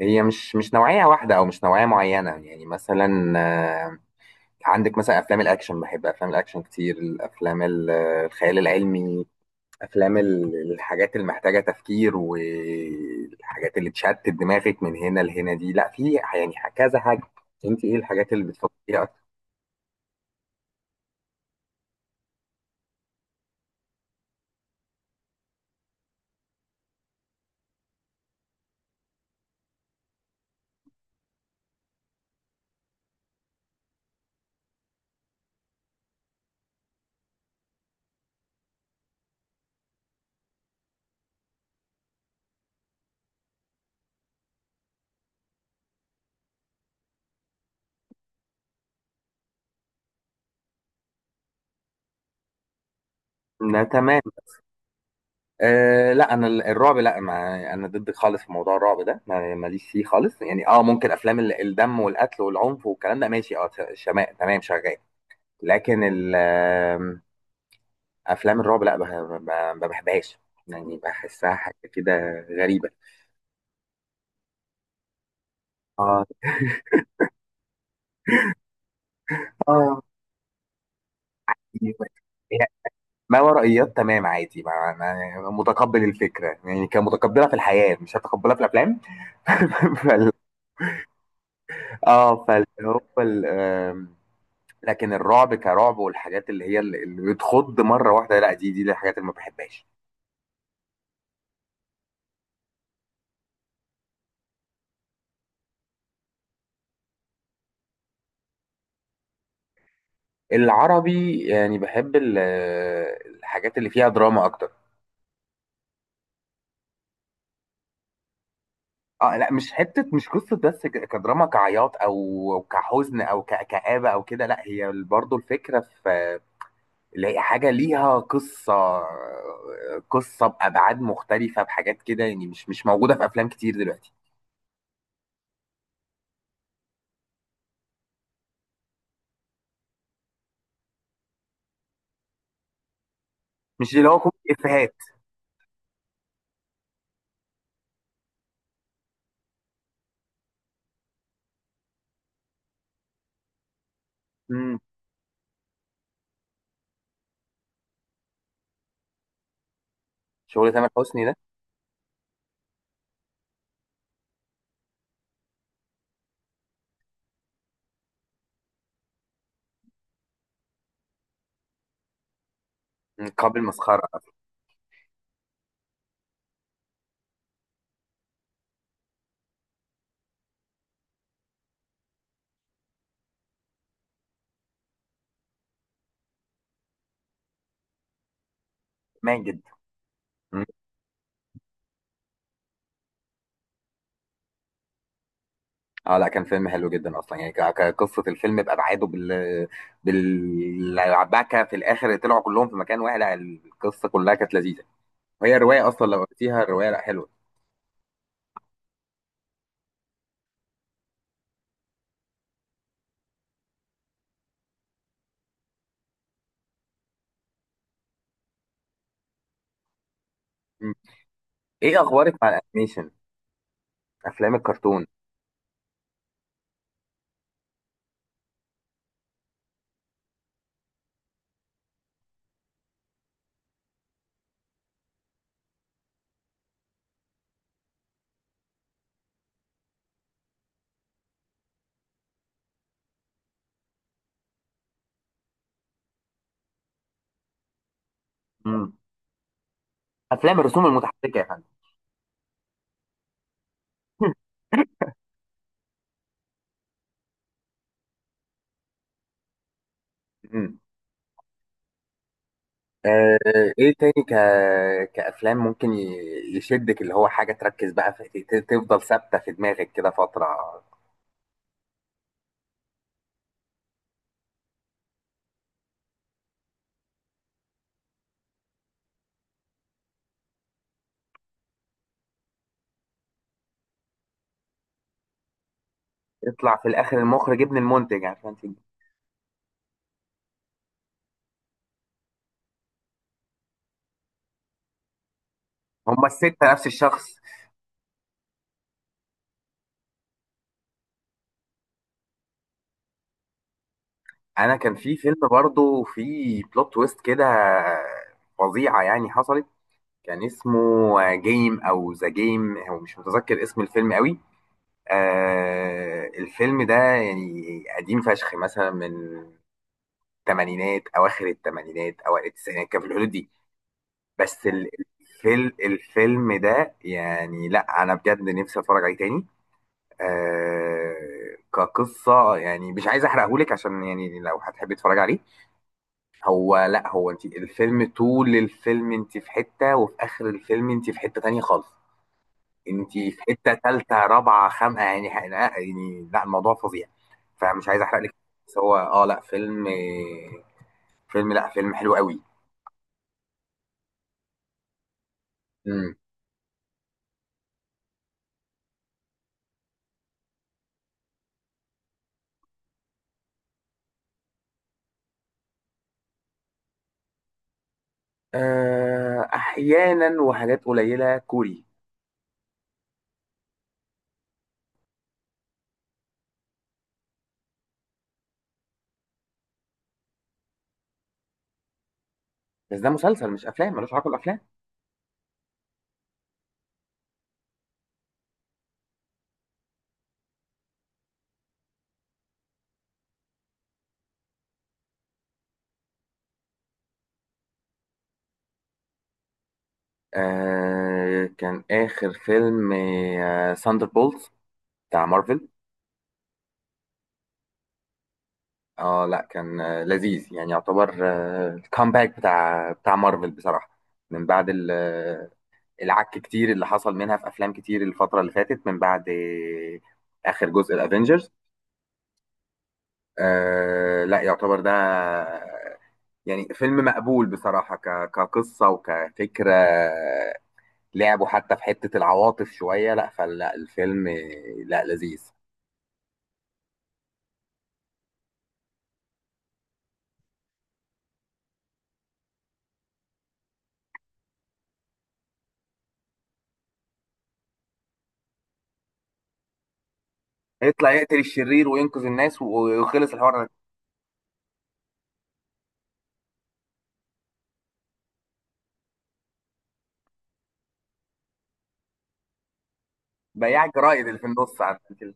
هي مش نوعية واحدة أو مش نوعية معينة، يعني مثلا آه، عندك مثلا أفلام الأكشن. بحب أفلام الأكشن كتير. الأفلام الخيال العلمي، أفلام الحاجات اللي محتاجة تفكير، والحاجات اللي تشتت دماغك من هنا لهنا، دي لا، في يعني كذا حاجة. أنت إيه الحاجات اللي بتفكري فيها أكتر؟ لا، تمام. لا انا الرعب لا، ما انا ضد خالص في موضوع الرعب ده، ماليش فيه خالص، يعني اه ممكن افلام الدم والقتل والعنف والكلام ده ماشي، اه، شماء، تمام، شغال. لكن ال- آم، افلام الرعب لا، ما بحبهاش، يعني بحسها حاجه كده غريبه. اه. اه. هي ما ورائيات تمام عادي، ما أنا متقبل الفكره، يعني كمتقبلها في الحياه مش هتقبلها في الافلام. فال... اه، فاللي هو ال... آم، لكن الرعب كرعب، والحاجات اللي هي اللي بتخض مره واحده لا، دي الحاجات اللي ما بحبهاش. العربي يعني بحب الحاجات اللي فيها دراما اكتر. اه لا، مش حته مش قصه بس، كدراما كعياط او كحزن او كآبه او كده، لا هي برضو الفكره في اللي هي حاجه ليها قصه، قصه بابعاد مختلفه بحاجات كده، يعني مش موجوده في افلام كتير دلوقتي. مش اللي هو كوميدي افيهات. مم. شغل تامر حسني ده. قابل مسخره، مان جدا. مم. اه لا، كان فيلم حلو جدا اصلا، يعني كقصه الفيلم بابعاده، بال بالعباكه في الاخر طلعوا كلهم في مكان واحد، لا القصه كلها كانت لذيذه. وهي رواية أصلا، لو قريتيها الرواية لأ، حلوة. مم. إيه أخبارك مع الأنيميشن؟ أفلام الكرتون. مم. أفلام الرسوم المتحركة يا فندم. مم. آه، إيه تاني كأفلام ممكن يشدك، اللي هو حاجة تركز بقى في... تفضل ثابتة في دماغك كده فترة. يطلع في الآخر المخرج ابن المنتج عشان تجي. هما الستة نفس الشخص. أنا كان في فيلم برضو في بلوت تويست كده فظيعة يعني حصلت. كان اسمه جيم او ذا جيم، هو مش متذكر اسم الفيلم قوي. آه الفيلم ده يعني قديم فشخ، مثلا من الثمانينات، اواخر الثمانينات اوائل التسعينات، كان في الحدود دي. بس الفيلم ده يعني، لا انا بجد نفسي اتفرج عليه تاني. آه كقصة يعني، مش عايز احرقهولك عشان يعني لو هتحبي تتفرجي عليه. هو لا هو انت الفيلم طول الفيلم انت في حتة، وفي اخر الفيلم انت في حتة تانية خالص، انتي في حته ثالثه رابعه خامقه، يعني ح- لا يعني لا، الموضوع فظيع. فمش عايز احرق لك. بس هو اه لا فيلم، فيلم لا فيلم حلو قوي. امم. آه احيانا، وحاجات قليله كوري. بس ده مسلسل مش افلام، ملوش علاقه بالافلام. آه كان اخر فيلم آه ساندر بولز بتاع مارفل. اه لا كان آه لذيذ، يعني يعتبر آه الكامباك بتاع مارفل بصراحه، من بعد العك كتير اللي حصل منها في افلام كتير الفتره اللي فاتت، من بعد اخر جزء الافينجرز. آه لا يعتبر ده يعني فيلم مقبول بصراحه، كقصه وكفكره، لعبوا حتى في حته العواطف شويه، لا فلا الفيلم لا لذيذ. يطلع يقتل الشرير وينقذ الناس ويخلص الحوار ده. بياع جرايد اللي في النص، عارف كده.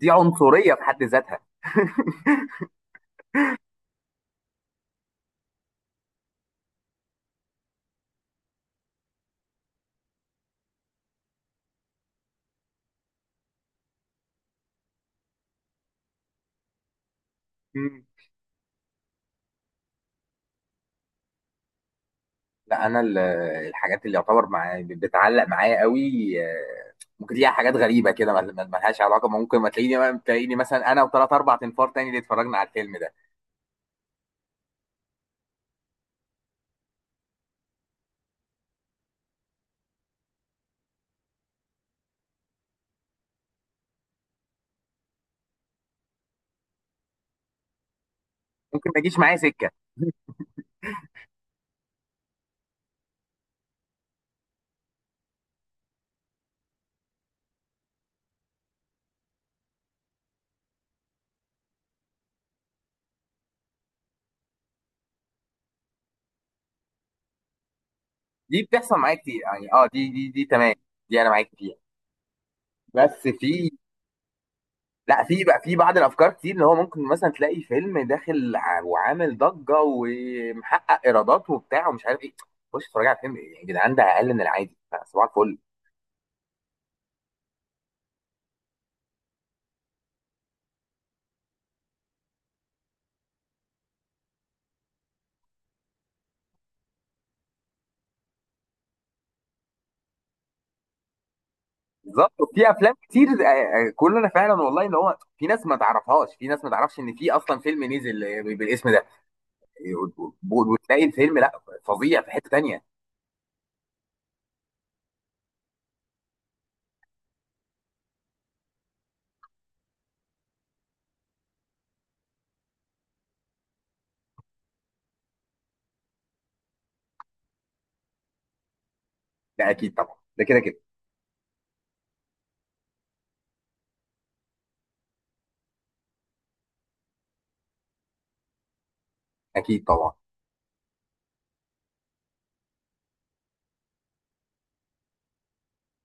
دي عنصريه في حد ذاتها. لا انا الحاجات اللي يعتبر معايا بتعلق معايا قوي، آه، ممكن ليها حاجات غريبه كده، ملهاش علاقه، ممكن ما تلاقيني، تلاقيني مثلا انا وثلاث اربع تنفار تاني اللي اتفرجنا على الفيلم ده. ممكن ما يجيش معايا سكه. دي بتحصل معايا كتير يعني، اه دي تمام، دي انا معاك فيها. بس في، لا في بقى في بعض الافكار كتير، اللي هو ممكن مثلا تلاقي فيلم داخل وعامل ضجه ومحقق ايرادات وبتاع ومش عارف ايه، خش اتفرج على الفيلم يا جدعان، ده اقل من العادي، صباح الفل. بالظبط في افلام كتير، كلنا فعلا، والله ان هو في ناس ما تعرفهاش، في ناس ما تعرفش ان في اصلا فيلم نزل بالاسم ده، وتلاقي الفيلم لا فظيع في حتة تانية. ده اكيد طبعا، ده كده كده. اكيد طبعا.